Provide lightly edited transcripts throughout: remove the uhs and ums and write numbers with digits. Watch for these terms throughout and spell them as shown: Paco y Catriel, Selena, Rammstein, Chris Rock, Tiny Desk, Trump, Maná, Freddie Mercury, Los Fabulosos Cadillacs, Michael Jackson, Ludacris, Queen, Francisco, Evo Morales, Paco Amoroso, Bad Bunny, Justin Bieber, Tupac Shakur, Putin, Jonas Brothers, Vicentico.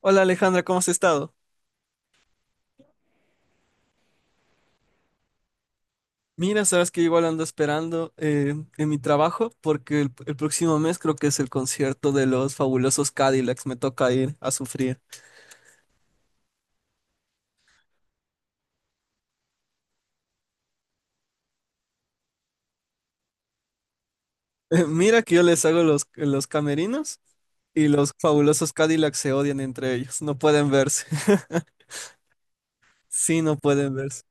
Hola Alejandra, ¿cómo has estado? Mira, sabes que igual ando esperando en mi trabajo porque el próximo mes creo que es el concierto de los fabulosos Cadillacs, me toca ir a sufrir. Mira que yo les hago los camerinos y los fabulosos Cadillacs se odian entre ellos, no pueden verse. Sí, no pueden verse.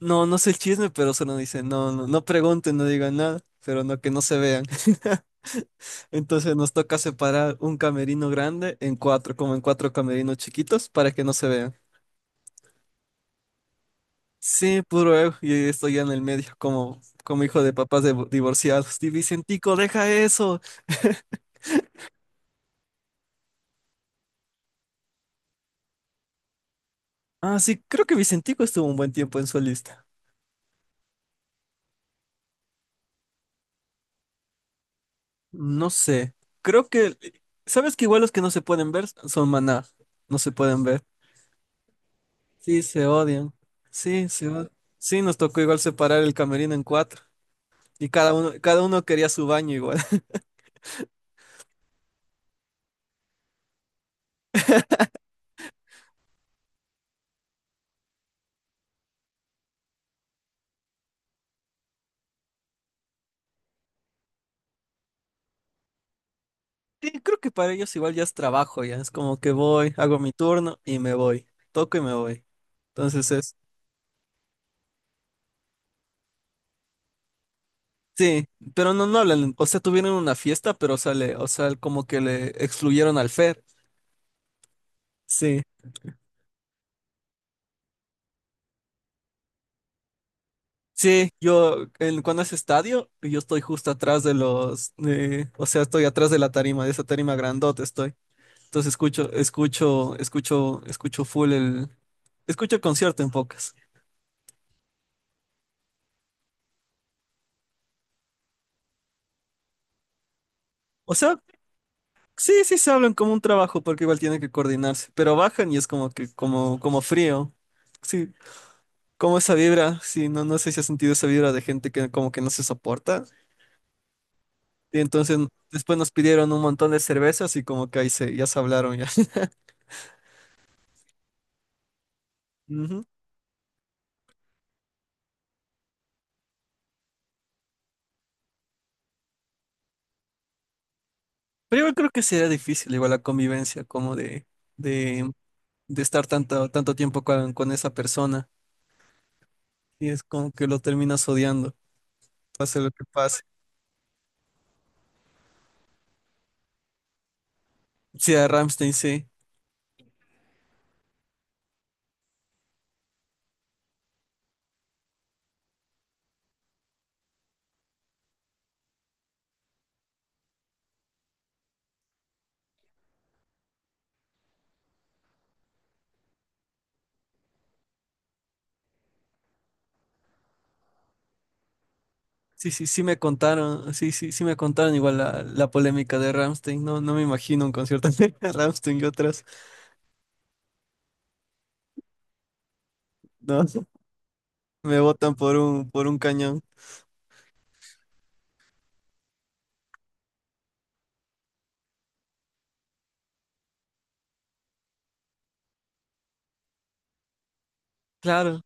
No, no sé el chisme, pero solo dicen, no, no, no pregunten, no digan nada, pero no que no se vean. Entonces nos toca separar un camerino grande en cuatro, como en cuatro camerinos chiquitos para que no se vean. Sí, puro ego, y estoy ya en el medio, como, como hijo de papás divorciados. Y Vicentico, deja eso. Ah, sí, creo que Vicentico estuvo un buen tiempo en solista. No sé, creo que, ¿sabes que igual los que no se pueden ver son Maná? No se pueden ver. Sí, se odian. Sí, se odian. Sí, nos tocó igual separar el camerino en cuatro. Y cada uno quería su baño igual. Sí, creo que para ellos igual ya es trabajo, ya. Es como que voy, hago mi turno y me voy. Toco y me voy. Entonces es. Sí, pero no, no hablan, o sea, tuvieron una fiesta, pero sale, o sea, como que le excluyeron al Fer. Sí, sí, yo, en, cuando es estadio, yo estoy justo atrás de los, o sea, estoy atrás de la tarima, de esa tarima grandota estoy. Entonces escucho full el, escucho el concierto en pocas. O sea, sí, sí se hablan como un trabajo, porque igual tienen que coordinarse, pero bajan y es como que, como, como frío. Sí, como esa vibra, sí, no, no sé si has sentido esa vibra de gente que como que no se soporta. Y entonces después nos pidieron un montón de cervezas y como que ahí se, ya se hablaron ya. Ujú. Pero igual creo que sería difícil igual la convivencia como de, de estar tanto tiempo con esa persona. Y es como que lo terminas odiando, pase lo que pase. Sí, a Rammstein, sí. Sí, sí, sí me contaron, sí, sí, sí me contaron igual la polémica de Rammstein. No, no me imagino un concierto de Rammstein y otras. No. Me botan por un cañón. Claro.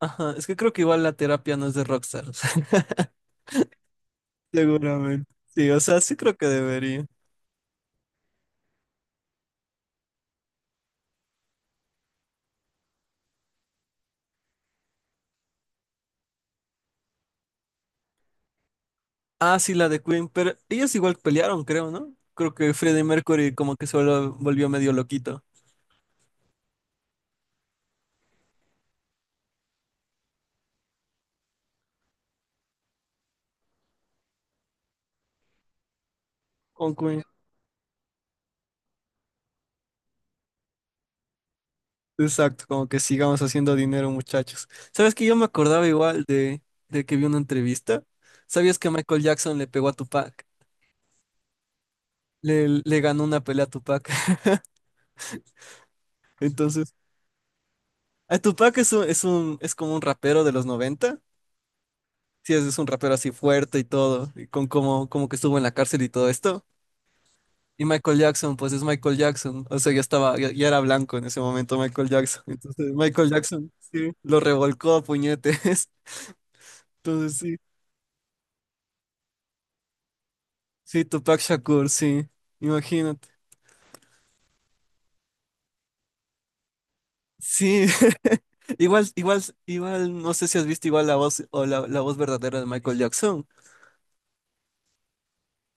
Ajá. Es que creo que igual la terapia no es de rockstars. Seguramente. Sí, o sea, sí creo que debería. Ah, sí, la de Queen, pero ellos igual pelearon, creo, ¿no? Creo que Freddie Mercury como que se volvió volvió medio loquito. Con Queen. Exacto, como que sigamos haciendo dinero, muchachos. ¿Sabes que yo me acordaba igual de que vi una entrevista? ¿Sabías que Michael Jackson le pegó a Tupac? Le ganó una pelea a Tupac. Entonces, a Tupac es como un rapero de los noventa. Sí, es un rapero así fuerte y todo, y con cómo, cómo que estuvo en la cárcel y todo esto. Y Michael Jackson, pues es Michael Jackson, o sea, ya estaba, ya, ya era blanco en ese momento Michael Jackson. Entonces, Michael Jackson, sí, lo revolcó a puñetes. Entonces, sí, sí, Tupac Shakur, sí, imagínate. Sí, igual, igual, igual, no sé si has visto igual la voz o la voz verdadera de Michael Jackson.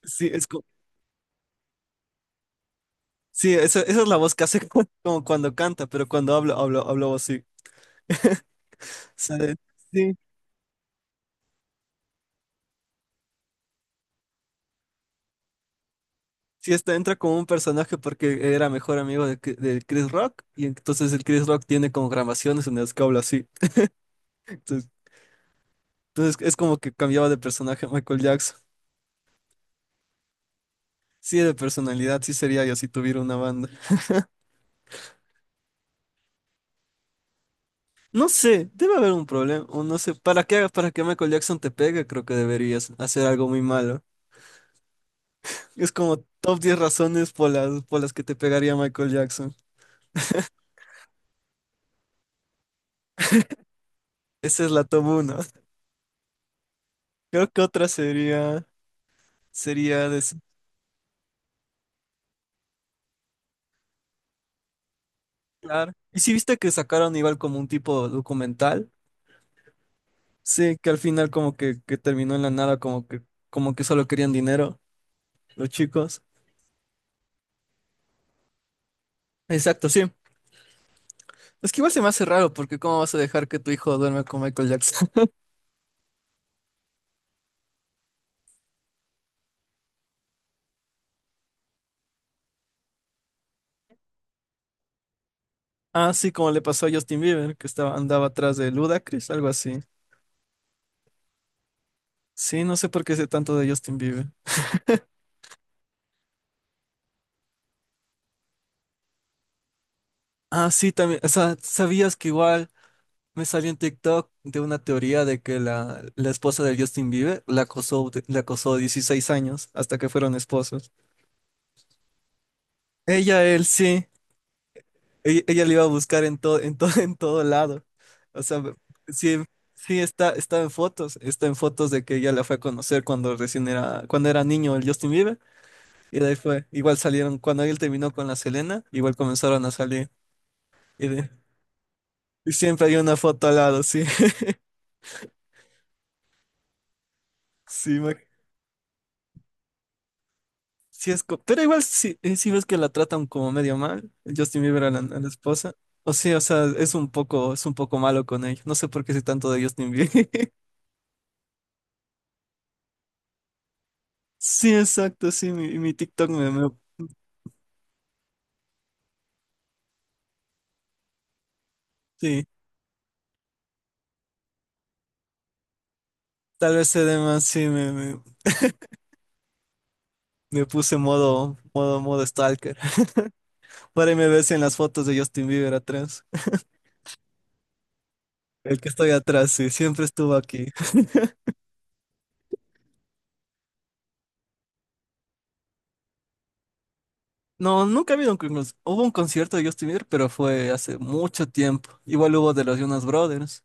Sí, es, sí, esa es la voz que hace como cuando canta, pero cuando habla, habla así. ¿Sabes? Sí. Sí, está, entra como un personaje porque era mejor amigo de, de Chris Rock y entonces el Chris Rock tiene como grabaciones en las que habla así. Entonces, entonces es como que cambiaba de personaje Michael Jackson. Sí, de personalidad, sí sería yo si tuviera una banda. No sé, debe haber un problema, o no sé, para que Michael Jackson te pegue, creo que deberías hacer algo muy malo. Es como top 10 razones por por las que te pegaría Michael Jackson. Esa es la top 1. Creo que otra sería, sería de claro. Y si viste que sacaron igual como un tipo documental, sí, que al final como que terminó en la nada, como que solo querían dinero los chicos. Exacto, sí. Es que igual se me hace raro, porque ¿cómo vas a dejar que tu hijo duerme con Michael Jackson? Ah, sí, como le pasó a Justin Bieber, que estaba, andaba atrás de Ludacris, algo así. Sí, no sé por qué sé tanto de Justin Bieber. Ah, sí, también, o sea, ¿sabías que igual? Me salió en TikTok de una teoría de que la esposa de Justin Bieber la acosó, la acosó 16 años hasta que fueron esposos. Ella, él, sí. Ella le iba a buscar en todo, en todo lado. O sea, sí, sí está, está en fotos. Está en fotos de que ella la fue a conocer cuando recién era, cuando era niño el Justin Bieber. Y de ahí fue. Igual salieron, cuando él terminó con la Selena, igual comenzaron a salir. Y, y siempre hay una foto al lado, sí. Sí, sí, pero igual si sí, sí ves que la tratan como medio mal, Justin Bieber a la esposa. O sí, o sea, es un poco malo con ella. No sé por qué sé tanto de Justin Bieber. Sí, exacto, sí, mi TikTok sí, tal vez se dé más, sí, me puse modo stalker. Por ahí me ves en las fotos de Justin Bieber atrás. El que estoy atrás, sí, siempre estuvo aquí. No, nunca ha habido un, hubo un concierto de Justin Bieber, pero fue hace mucho tiempo. Igual hubo de los Jonas Brothers.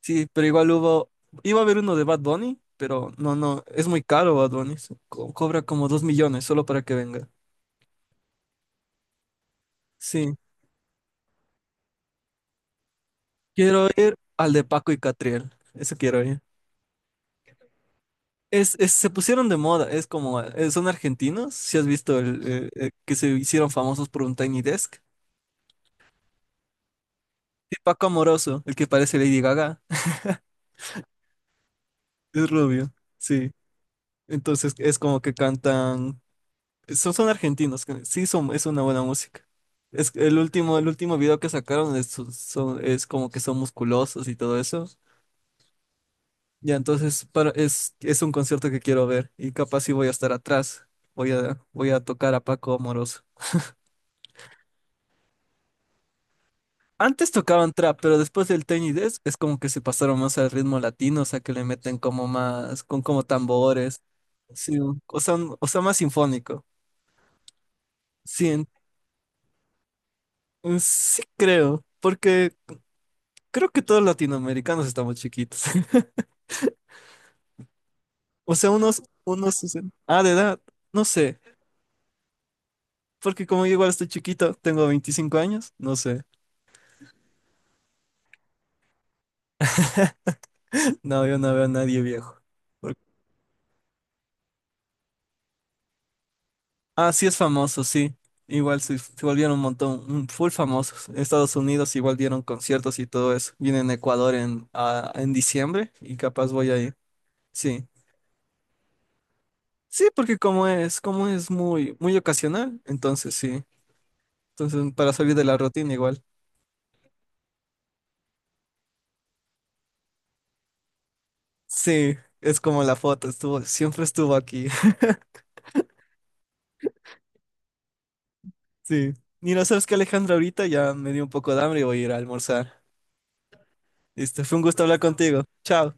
Sí, pero igual hubo, iba a haber uno de Bad Bunny, pero no, no, es muy caro Bad Bunny, cobra como 2 millones solo para que venga. Sí, quiero ir al de Paco y Catriel, eso quiero ir. Se pusieron de moda, es como, son argentinos, si has visto el, que se hicieron famosos por un Tiny Desk. Y Paco Amoroso, el que parece Lady Gaga, es rubio, sí. Entonces es como que cantan. Son, son argentinos, que sí son, es una buena música. Es que el último video que sacaron es, es como que son musculosos y todo eso. Ya, entonces para, es un concierto que quiero ver y capaz si voy a estar atrás. Voy a tocar a Paco Amoroso. Antes tocaban trap, pero después del Tiny Desk es como que se pasaron más al ritmo latino, o sea que le meten como más, con como tambores. Sí, o sea, o sea, más sinfónico. Sí, sí creo, porque creo que todos los latinoamericanos estamos chiquitos. O sea, de edad, no sé. Porque como yo igual estoy chiquito, tengo 25 años, no sé. No, yo no veo a nadie viejo. Por- ah, sí es famoso, sí. Igual se, se volvieron un montón, full famosos. En Estados Unidos igual dieron conciertos y todo eso. Viene en Ecuador en, en diciembre y capaz voy a ir. Sí. Sí, porque como es muy, muy ocasional, entonces sí. Entonces, para salir de la rutina igual. Sí, es como la foto, estuvo, siempre estuvo aquí. Sí. Y no sabes que Alejandra ahorita ya me dio un poco de hambre y voy a ir a almorzar. Listo, fue un gusto hablar contigo. Chao.